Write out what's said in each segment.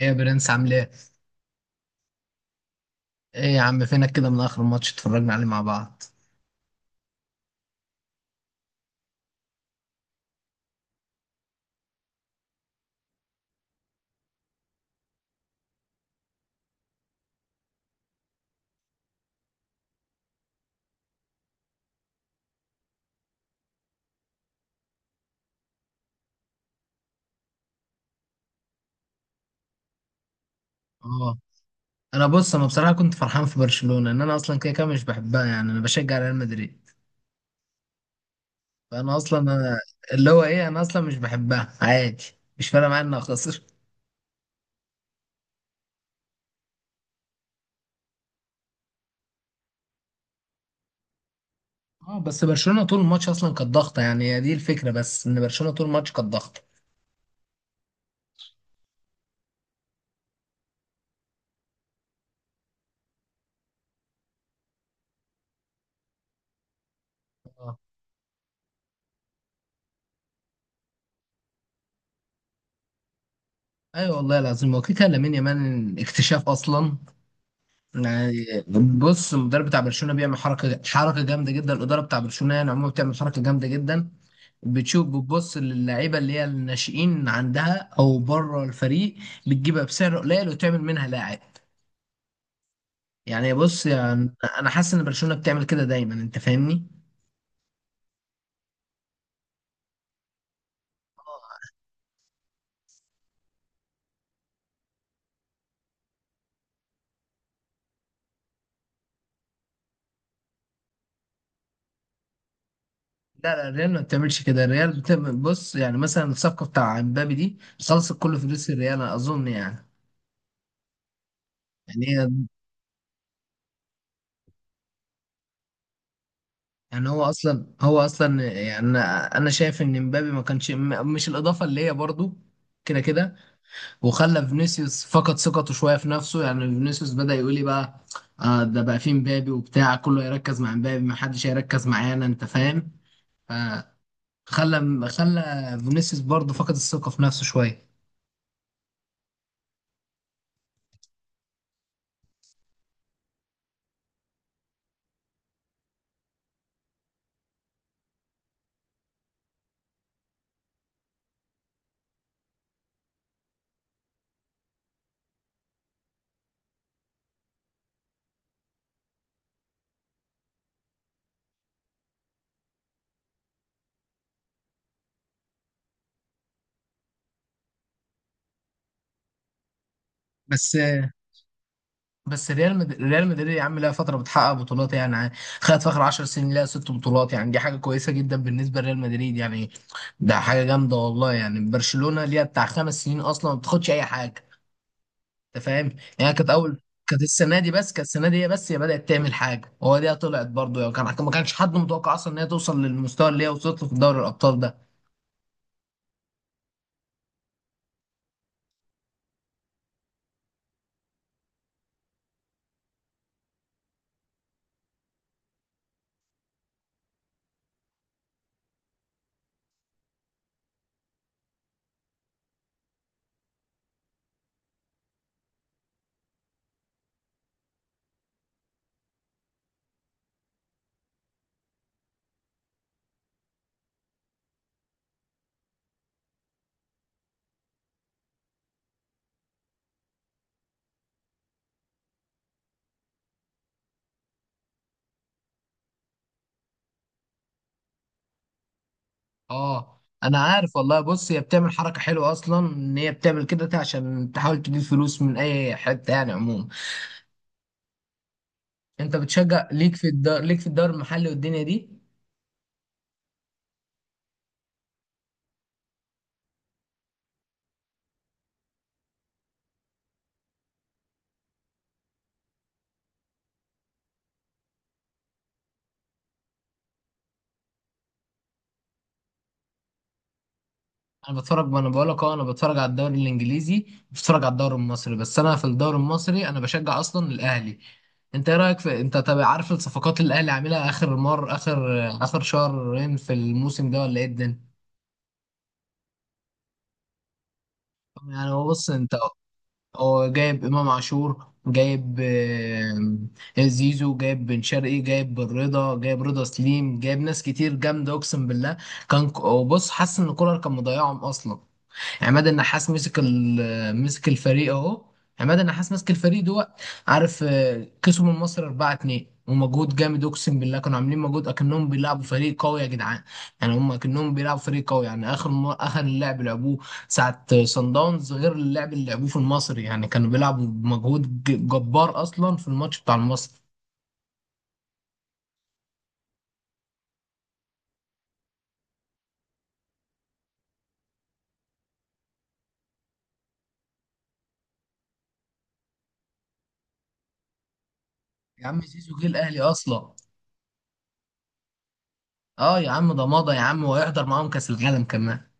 ايه يا برنس عامل ايه؟ ايه يا عم فينك كده من اخر ماتش اتفرجنا عليه مع بعض؟ اه، انا بص انا بصراحه كنت فرحان في برشلونه، ان انا اصلا كده كده مش بحبها، يعني انا بشجع ريال مدريد. فانا اصلا أنا اللي هو ايه انا اصلا مش بحبها عادي، مش فارقه معايا انها خسر. اه، بس برشلونه طول الماتش اصلا كانت ضاغطه، يعني هي دي الفكره، بس ان برشلونه طول الماتش كانت ضاغطه. اه، ايوه والله العظيم، هو كده كده لامين يامال اكتشاف اصلا، يعني. بص، المدرب بتاع برشلونه بيعمل حركه جامده جدا. الاداره بتاع برشلونه يعني عموما بتعمل حركه جامده جدا، بتشوف، بتبص للعيبه اللي هي الناشئين عندها او بره الفريق، بتجيبها بسعر قليل وتعمل منها لاعب. يعني بص، يعني انا حاسس ان برشلونه بتعمل كده دايما، انت فاهمني؟ لا لا، الريال ما بتعملش كده، الريال بتعمل، بص يعني، مثلا الصفقه بتاع امبابي دي خلصت كل فلوس الريال، أنا اظن يعني. يعني هو اصلا يعني انا شايف ان مبابي ما كانش، مش الاضافه اللي هي برضو كده كده، وخلى فينيسيوس فقد ثقته شويه في نفسه، يعني فينيسيوس بدا يقول لي بقى: آه ده بقى فيه مبابي وبتاع، كله يركز مع مبابي، ما حدش هيركز معانا، انت فاهم؟ فخلى خلى فينيسيوس برضو فقد الثقه في نفسه شويه. بس بس ريال مدريد يا عم لها فتره بتحقق بطولات، يعني. خدت في اخر 10 سنين لها ست بطولات، يعني دي حاجه كويسه جدا بالنسبه لريال مدريد، يعني ده حاجه جامده والله. يعني برشلونه ليها بتاع خمس سنين اصلا ما بتاخدش اي حاجه، انت فاهم؟ يعني كانت اول، كانت السنه دي، بس كانت السنه دي هي، بس هي بدات تعمل حاجه، هو دي طلعت برضه، يعني كان ما كانش حد متوقع اصلا ان هي توصل للمستوى اللي هي وصلت له في دوري الابطال ده. اه انا عارف والله. بص، هي بتعمل حركه حلوه اصلا، ان هي بتعمل كده عشان تحاول تجيب فلوس من اي حته، يعني عموما. انت بتشجع ليك في الدار، ليك في الدوري المحلي والدنيا دي؟ انا بتفرج، وانا بقول لك اه، انا بتفرج على الدوري الانجليزي، بتفرج على الدوري المصري، بس انا في الدوري المصري انا بشجع اصلا الاهلي. انت ايه رايك في، انت طب عارف الصفقات اللي الاهلي عاملها اخر اخر شهرين في الموسم ده، ولا ايه الدنيا؟ يعني هو بص، انت هو جايب امام عاشور، جايب آه، زيزو، جايب بن شرقي، جايب بن رضا، جايب رضا سليم، جايب ناس كتير جامده اقسم بالله. وبص، حاسس ان كولر كان مضيعهم اصلا. عماد النحاس مسك مسك الفريق اهو. عماد النحاس مسك الفريق دوت. عارف آه، كسبوا من مصر 4-2 ومجهود جامد اقسم بالله، كانوا عاملين مجهود اكنهم بيلعبوا فريق قوي يا جدعان. يعني هم اكنهم بيلعبوا فريق قوي، يعني اخر اللعب لعبوه ساعه صن داونز، غير اللعب اللي لعبوه في المصري، يعني كانوا بيلعبوا بمجهود جبار اصلا في الماتش بتاع المصري. يا عم زيزو جه الاهلي اصلا. اه يا عم ده مضى يا عم، وهيحضر معاهم كاس العالم كمان.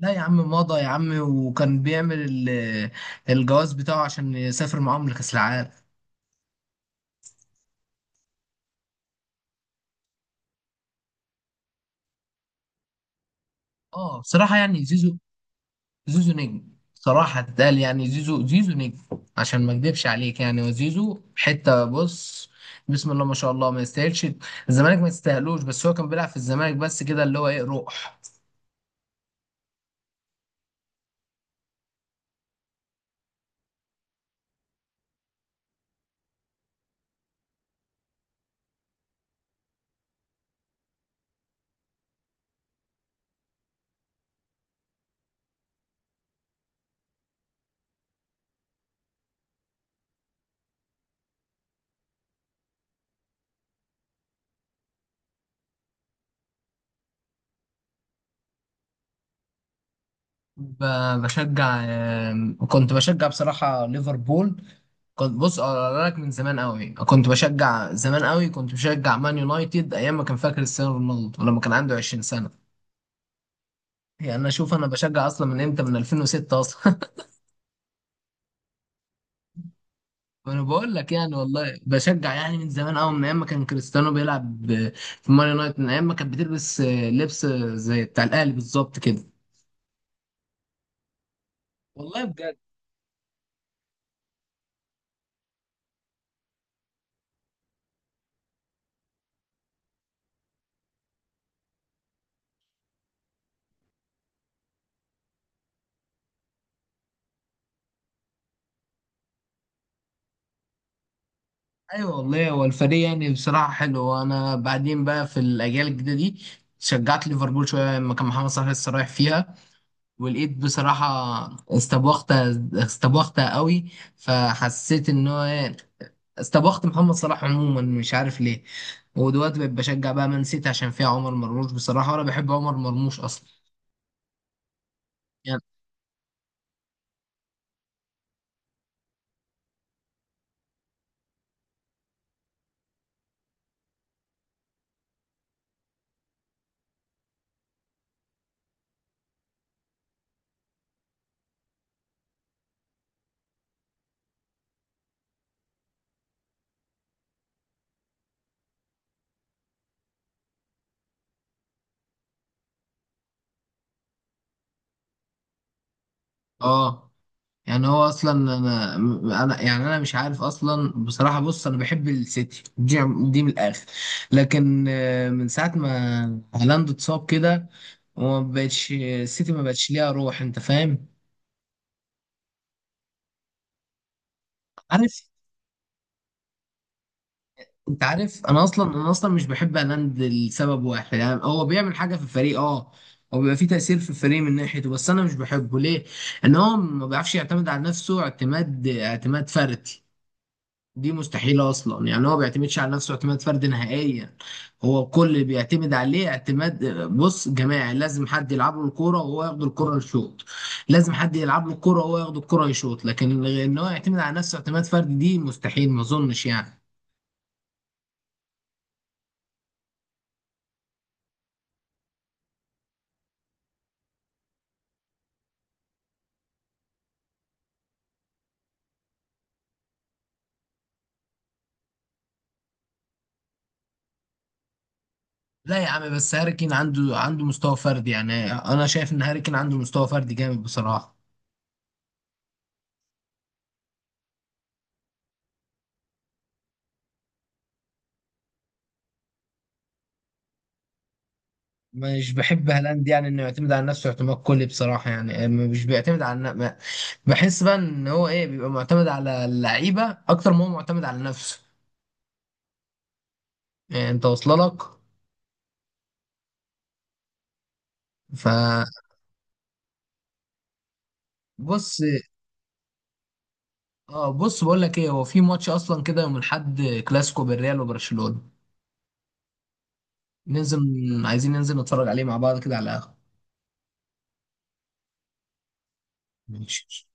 لا يا عم مضى يا عم، وكان بيعمل الجواز بتاعه عشان يسافر معاهم لكأس العالم. اه بصراحة يعني زيزو، زيزو نجم. صراحة اتقال، يعني زيزو نجم، عشان ما اكدبش عليك، يعني. وزيزو حتة بص، بسم الله ما شاء الله، ما يستاهلش الزمالك، ما يستاهلوش، بس هو كان بيلعب في الزمالك بس كده، اللي هو ايه، روح. بشجع آم، كنت بشجع بصراحة ليفربول. كنت بص اقول لك، من زمان قوي كنت بشجع، زمان قوي كنت بشجع مان يونايتد ايام ما كان، فاكر كريستيانو رونالدو ولما كان عنده 20 سنه؟ يعني انا شوف، انا بشجع اصلا من امتى، من 2006 اصلا. وانا بقول لك يعني والله بشجع يعني من زمان قوي، من ايام ما كان كريستيانو بيلعب في مان يونايتد، من ايام ما كانت بتلبس آه، لبس آه، زي بتاع الاهلي بالظبط كده، والله بجد. ايوه والله، هو الفريق يعني بصراحه حلو، وانا بعدين بقى في الاجيال الجديده دي، شجعت ليفربول شويه لما كان محمد صلاح لسه رايح فيها، والايد بصراحة استبوخت، استبوخت قوي. فحسيت ان هو إيه، استبوخت محمد صلاح عموما، مش عارف ليه. ودلوقتي بقيت بشجع بقى مان سيتي، عشان فيها عمر مرموش بصراحة، وانا بحب عمر مرموش اصلا، يعني. اه، يعني هو اصلا، انا يعني انا مش عارف اصلا بصراحة. بص، انا بحب السيتي دي، دي من الاخر. لكن آه، من ساعة ما هالاند اتصاب كده، وما بقتش السيتي ما بقتش ليها روح، انت فاهم؟ عارف، انت عارف انا اصلا، انا اصلا مش بحب هالاند لسبب واحد. يعني هو بيعمل حاجه في الفريق، اه، هو بيبقى فيه تاثير في الفريق من ناحيته، بس انا مش بحبه ليه؟ ان هو ما بيعرفش يعتمد على نفسه اعتماد فردي، دي مستحيله اصلا. يعني هو ما بيعتمدش على نفسه اعتماد فردي نهائيا. هو الكل اللي بيعتمد عليه اعتماد، بص، جماعي. لازم حد يلعب له الكوره وهو ياخد الكوره يشوط، لازم حد يلعب له الكوره وهو ياخد الكوره يشوط، لكن ان هو يعتمد على نفسه اعتماد فردي دي مستحيل ما اظنش، يعني. لا يا عم، بس هاري كين عنده عنده مستوى فردي، يعني انا شايف ان هاري كين عنده مستوى فردي جامد بصراحه. مش بحب هالاند، يعني انه يعتمد على نفسه اعتماد كلي بصراحه، يعني مش بيعتمد على بحس بقى ان هو ايه، بيبقى معتمد على اللعيبه اكتر ما هو معتمد على نفسه، يعني انت واصله لك؟ فبص، اه بص، بقول لك ايه، هو في ماتش اصلا كده يوم الاحد، كلاسيكو بالريال وبرشلونه، ننزل، عايزين ننزل نتفرج عليه مع بعض كده على القهوه. ماشي.